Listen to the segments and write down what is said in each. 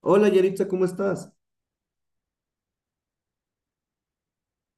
Hola Yaritza, ¿cómo estás?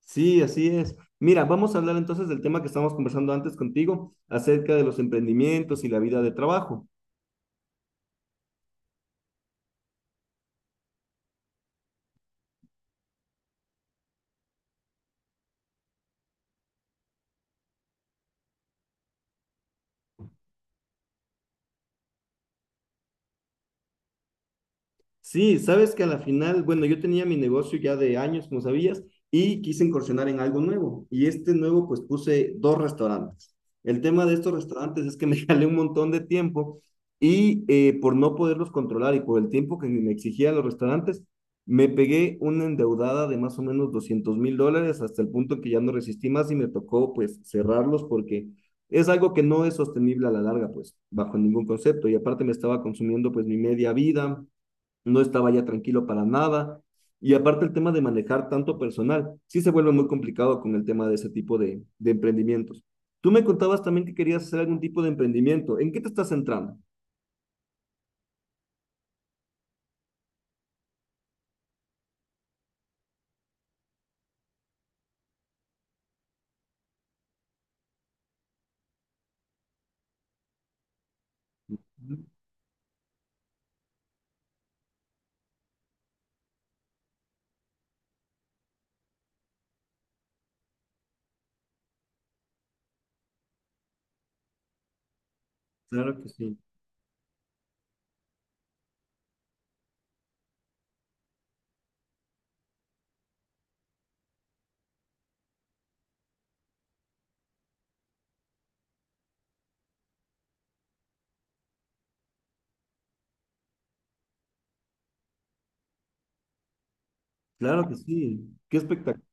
Sí, así es. Mira, vamos a hablar entonces del tema que estábamos conversando antes contigo, acerca de los emprendimientos y la vida de trabajo. Sí, sabes que a la final, bueno, yo tenía mi negocio ya de años, como sabías, y quise incursionar en algo nuevo. Y este nuevo, pues puse dos restaurantes. El tema de estos restaurantes es que me jalé un montón de tiempo y por no poderlos controlar y por el tiempo que me exigían los restaurantes, me pegué una endeudada de más o menos $200.000 hasta el punto que ya no resistí más y me tocó pues cerrarlos porque es algo que no es sostenible a la larga, pues bajo ningún concepto. Y aparte me estaba consumiendo pues mi media vida, no estaba ya tranquilo para nada. Y aparte el tema de manejar tanto personal, sí se vuelve muy complicado con el tema de ese tipo de emprendimientos. Tú me contabas también que querías hacer algún tipo de emprendimiento. ¿En qué te estás centrando? Ujú. Claro que sí, claro que sí. Qué espectáculo.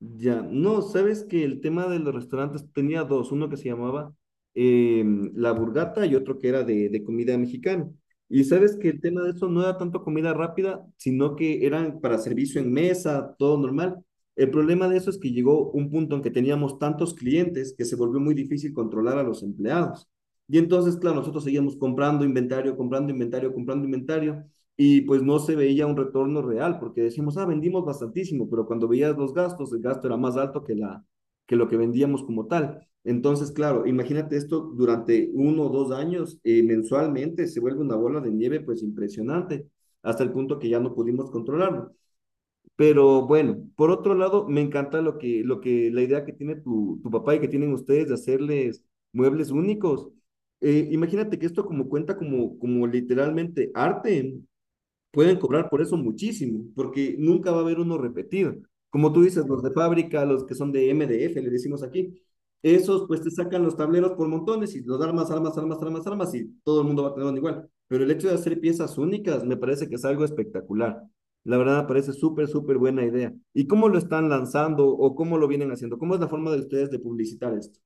Ya, no, sabes que el tema de los restaurantes tenía dos, uno que se llamaba La Burgata y otro que era de comida mexicana. Y sabes que el tema de eso no era tanto comida rápida, sino que eran para servicio en mesa, todo normal. El problema de eso es que llegó un punto en que teníamos tantos clientes que se volvió muy difícil controlar a los empleados. Y entonces, claro, nosotros seguíamos comprando inventario, comprando inventario, comprando inventario y pues no se veía un retorno real, porque decíamos, ah, vendimos bastantísimo, pero cuando veías los gastos, el gasto era más alto que, la, que lo que vendíamos como tal. Entonces, claro, imagínate esto durante uno o dos años mensualmente, se vuelve una bola de nieve pues impresionante, hasta el punto que ya no pudimos controlarlo. Pero bueno, por otro lado, me encanta la idea que tiene tu papá y que tienen ustedes de hacerles muebles únicos. Imagínate que esto como cuenta como, como literalmente arte, pueden cobrar por eso muchísimo, porque nunca va a haber uno repetido. Como tú dices, los de fábrica, los que son de MDF, le decimos aquí, esos pues te sacan los tableros por montones y los armas, armas, armas, armas, armas y todo el mundo va a tener uno igual. Pero el hecho de hacer piezas únicas me parece que es algo espectacular. La verdad me parece súper, súper buena idea. ¿Y cómo lo están lanzando o cómo lo vienen haciendo? ¿Cómo es la forma de ustedes de publicitar esto?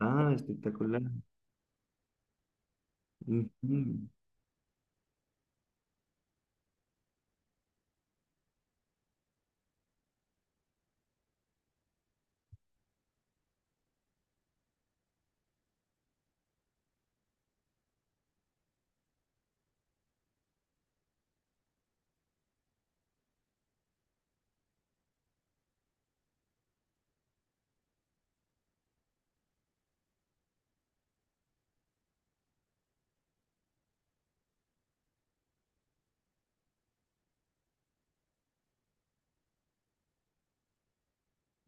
Ah, espectacular. Ujú.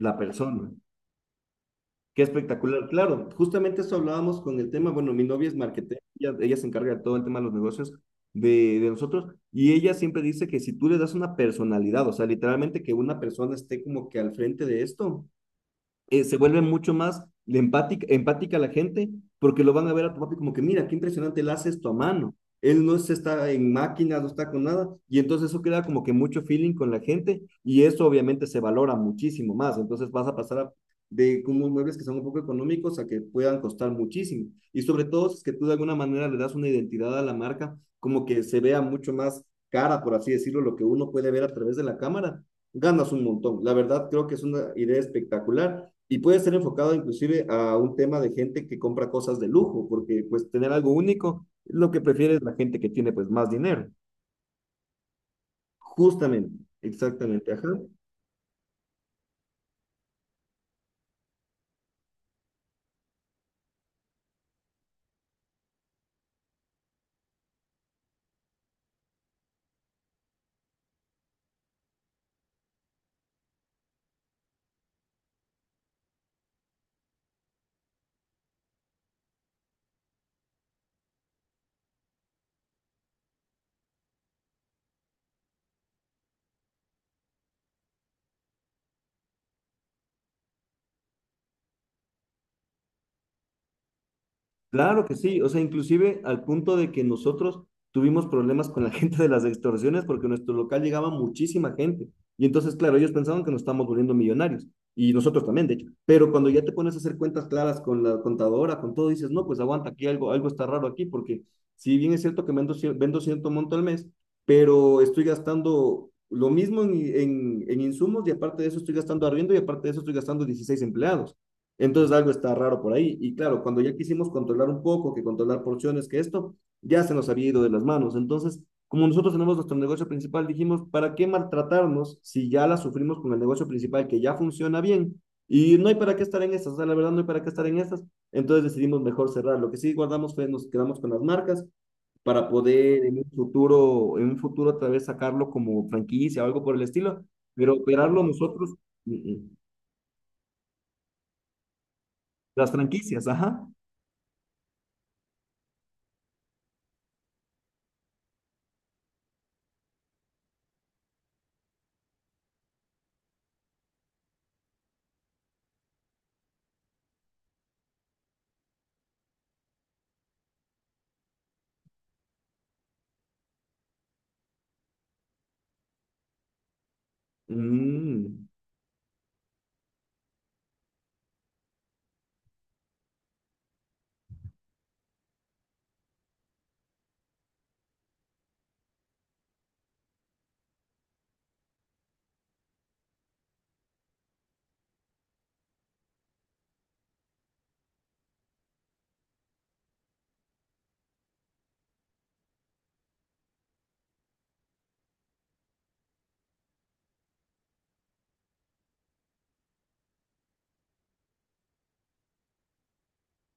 La persona. Qué espectacular, claro. Justamente eso hablábamos con el tema. Bueno, mi novia es marketera, ella se encarga de todo el tema de los negocios de nosotros y ella siempre dice que si tú le das una personalidad, o sea, literalmente que una persona esté como que al frente de esto, se vuelve mucho más de empática, empática a la gente porque lo van a ver a tu papi como que, mira, qué impresionante, él hace esto a mano. Él no está en máquinas, no está con nada. Y entonces eso crea como que mucho feeling con la gente y eso obviamente se valora muchísimo más. Entonces vas a pasar a, de como muebles que son un poco económicos a que puedan costar muchísimo. Y sobre todo si es que tú de alguna manera le das una identidad a la marca como que se vea mucho más cara, por así decirlo, lo que uno puede ver a través de la cámara, ganas un montón. La verdad creo que es una idea espectacular y puede ser enfocado inclusive a un tema de gente que compra cosas de lujo, porque pues tener algo único es lo que prefiere la gente que tiene pues más dinero. Justamente, exactamente, ajá. Claro que sí, o sea, inclusive al punto de que nosotros tuvimos problemas con la gente de las extorsiones porque a nuestro local llegaba muchísima gente. Y entonces, claro, ellos pensaban que nos estábamos volviendo millonarios y nosotros también, de hecho. Pero cuando ya te pones a hacer cuentas claras con la contadora, con todo, dices, no, pues aguanta, aquí algo, algo está raro aquí porque si bien es cierto que vendo, cier- vendo cierto monto al mes, pero estoy gastando lo mismo en insumos y aparte de eso estoy gastando arriendo y aparte de eso estoy gastando 16 empleados. Entonces algo está raro por ahí. Y claro, cuando ya quisimos controlar un poco, que controlar porciones, que esto, ya se nos había ido de las manos. Entonces, como nosotros tenemos nuestro negocio principal, dijimos, ¿para qué maltratarnos si ya la sufrimos con el negocio principal que ya funciona bien? Y no hay para qué estar en estas, o sea, la verdad no hay para qué estar en estas. Entonces decidimos mejor cerrar. Lo que sí guardamos fue, nos quedamos con las marcas para poder en un futuro otra vez sacarlo como franquicia o algo por el estilo, pero operarlo nosotros. Mm, mm, las franquicias, ajá. Mm,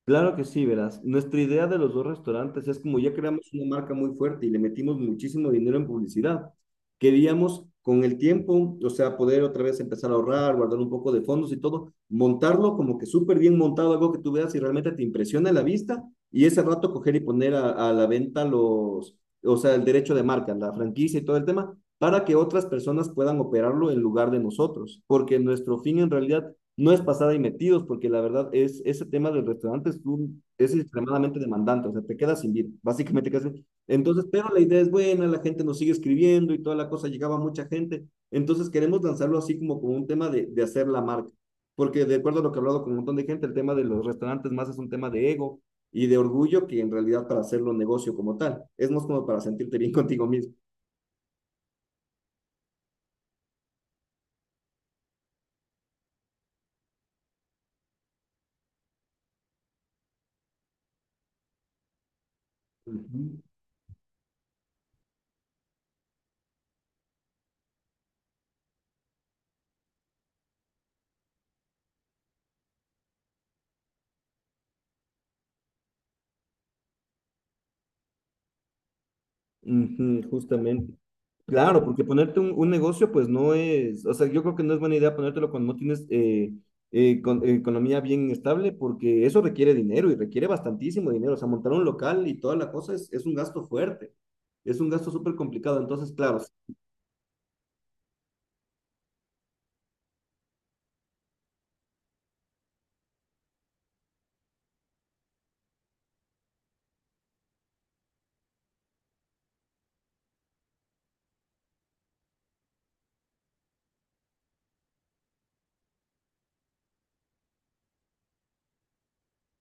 claro que sí, verás. Nuestra idea de los dos restaurantes es como ya creamos una marca muy fuerte y le metimos muchísimo dinero en publicidad. Queríamos con el tiempo, o sea, poder otra vez empezar a ahorrar, guardar un poco de fondos y todo, montarlo como que súper bien montado, algo que tú veas y realmente te impresiona la vista y ese rato coger y poner a la venta los, o sea, el derecho de marca, la franquicia y todo el tema, para que otras personas puedan operarlo en lugar de nosotros, porque nuestro fin en realidad no es pasada y metidos, porque la verdad es, ese tema del restaurante es, un- es extremadamente demandante, o sea, te quedas sin vida, básicamente casi. Entonces, pero la idea es buena, la gente nos sigue escribiendo y toda la cosa, llegaba mucha gente, entonces queremos lanzarlo así como, como un tema de hacer la marca, porque de acuerdo a lo que he hablado con un montón de gente, el tema de los restaurantes más es un tema de ego y de orgullo que en realidad para hacerlo negocio como tal, es más como para sentirte bien contigo mismo. Ujú, ujú, justamente. Claro, porque ponerte un negocio, pues no es, o sea, yo creo que no es buena idea ponértelo cuando no tienes con- economía bien estable, porque eso requiere dinero y requiere bastantísimo dinero. O sea, montar un local y toda la cosa es un gasto fuerte, es un gasto súper complicado. Entonces, claro,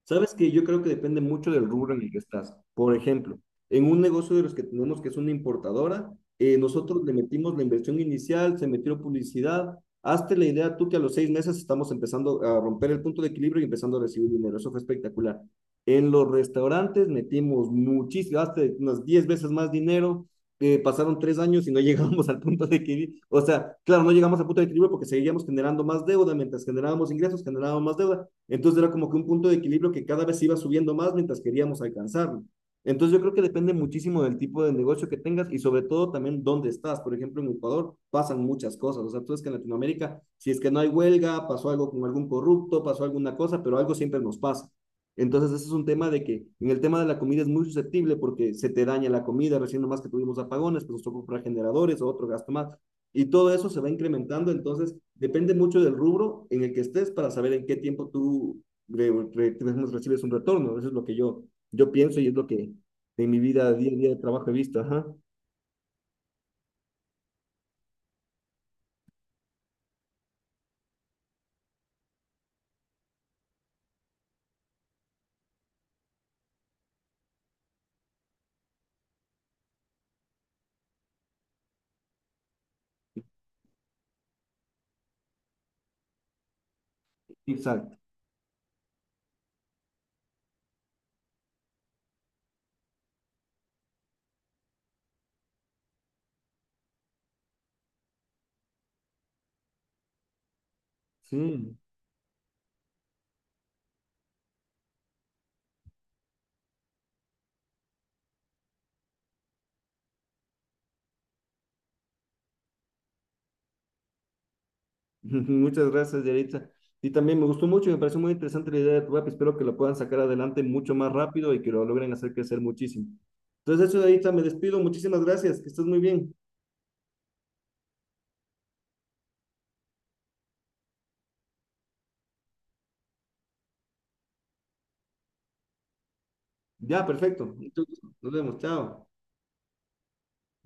sabes que yo creo que depende mucho del rubro en el que estás. Por ejemplo, en un negocio de los que tenemos que es una importadora, nosotros le metimos la inversión inicial, se metió publicidad. Hazte la idea tú que a los 6 meses estamos empezando a romper el punto de equilibrio y empezando a recibir dinero. Eso fue espectacular. En los restaurantes metimos muchísimo, hasta unas 10 veces más dinero, pasaron 3 años y no llegamos al punto de equilibrio. O sea, claro, no llegamos al punto de equilibrio porque seguíamos generando más deuda, mientras generábamos ingresos, generábamos más deuda. Entonces era como que un punto de equilibrio que cada vez iba subiendo más mientras queríamos alcanzarlo. Entonces yo creo que depende muchísimo del tipo de negocio que tengas y sobre todo también dónde estás. Por ejemplo, en Ecuador pasan muchas cosas. O sea, tú ves que en Latinoamérica, si es que no hay huelga, pasó algo con algún corrupto, pasó alguna cosa, pero algo siempre nos pasa. Entonces, ese es un tema de que en el tema de la comida es muy susceptible porque se te daña la comida, recién nomás que tuvimos apagones, pues nos tocó comprar generadores o otro gasto más. Y todo eso se va incrementando, entonces depende mucho del rubro en el que estés para saber en qué tiempo tú recibes un retorno. Eso es lo que yo pienso y es lo que en mi vida, día a día de trabajo he visto. Ajá. Exacto. Sí. Muchas gracias, Yaritza. Y también me gustó mucho y me pareció muy interesante la idea de tu app. Espero que lo puedan sacar adelante mucho más rápido y que lo logren hacer crecer muchísimo. Entonces, eso, Yaritza, me despido. Muchísimas gracias. Que estés muy bien. Ya, perfecto. Mucho. Nos vemos. Chao.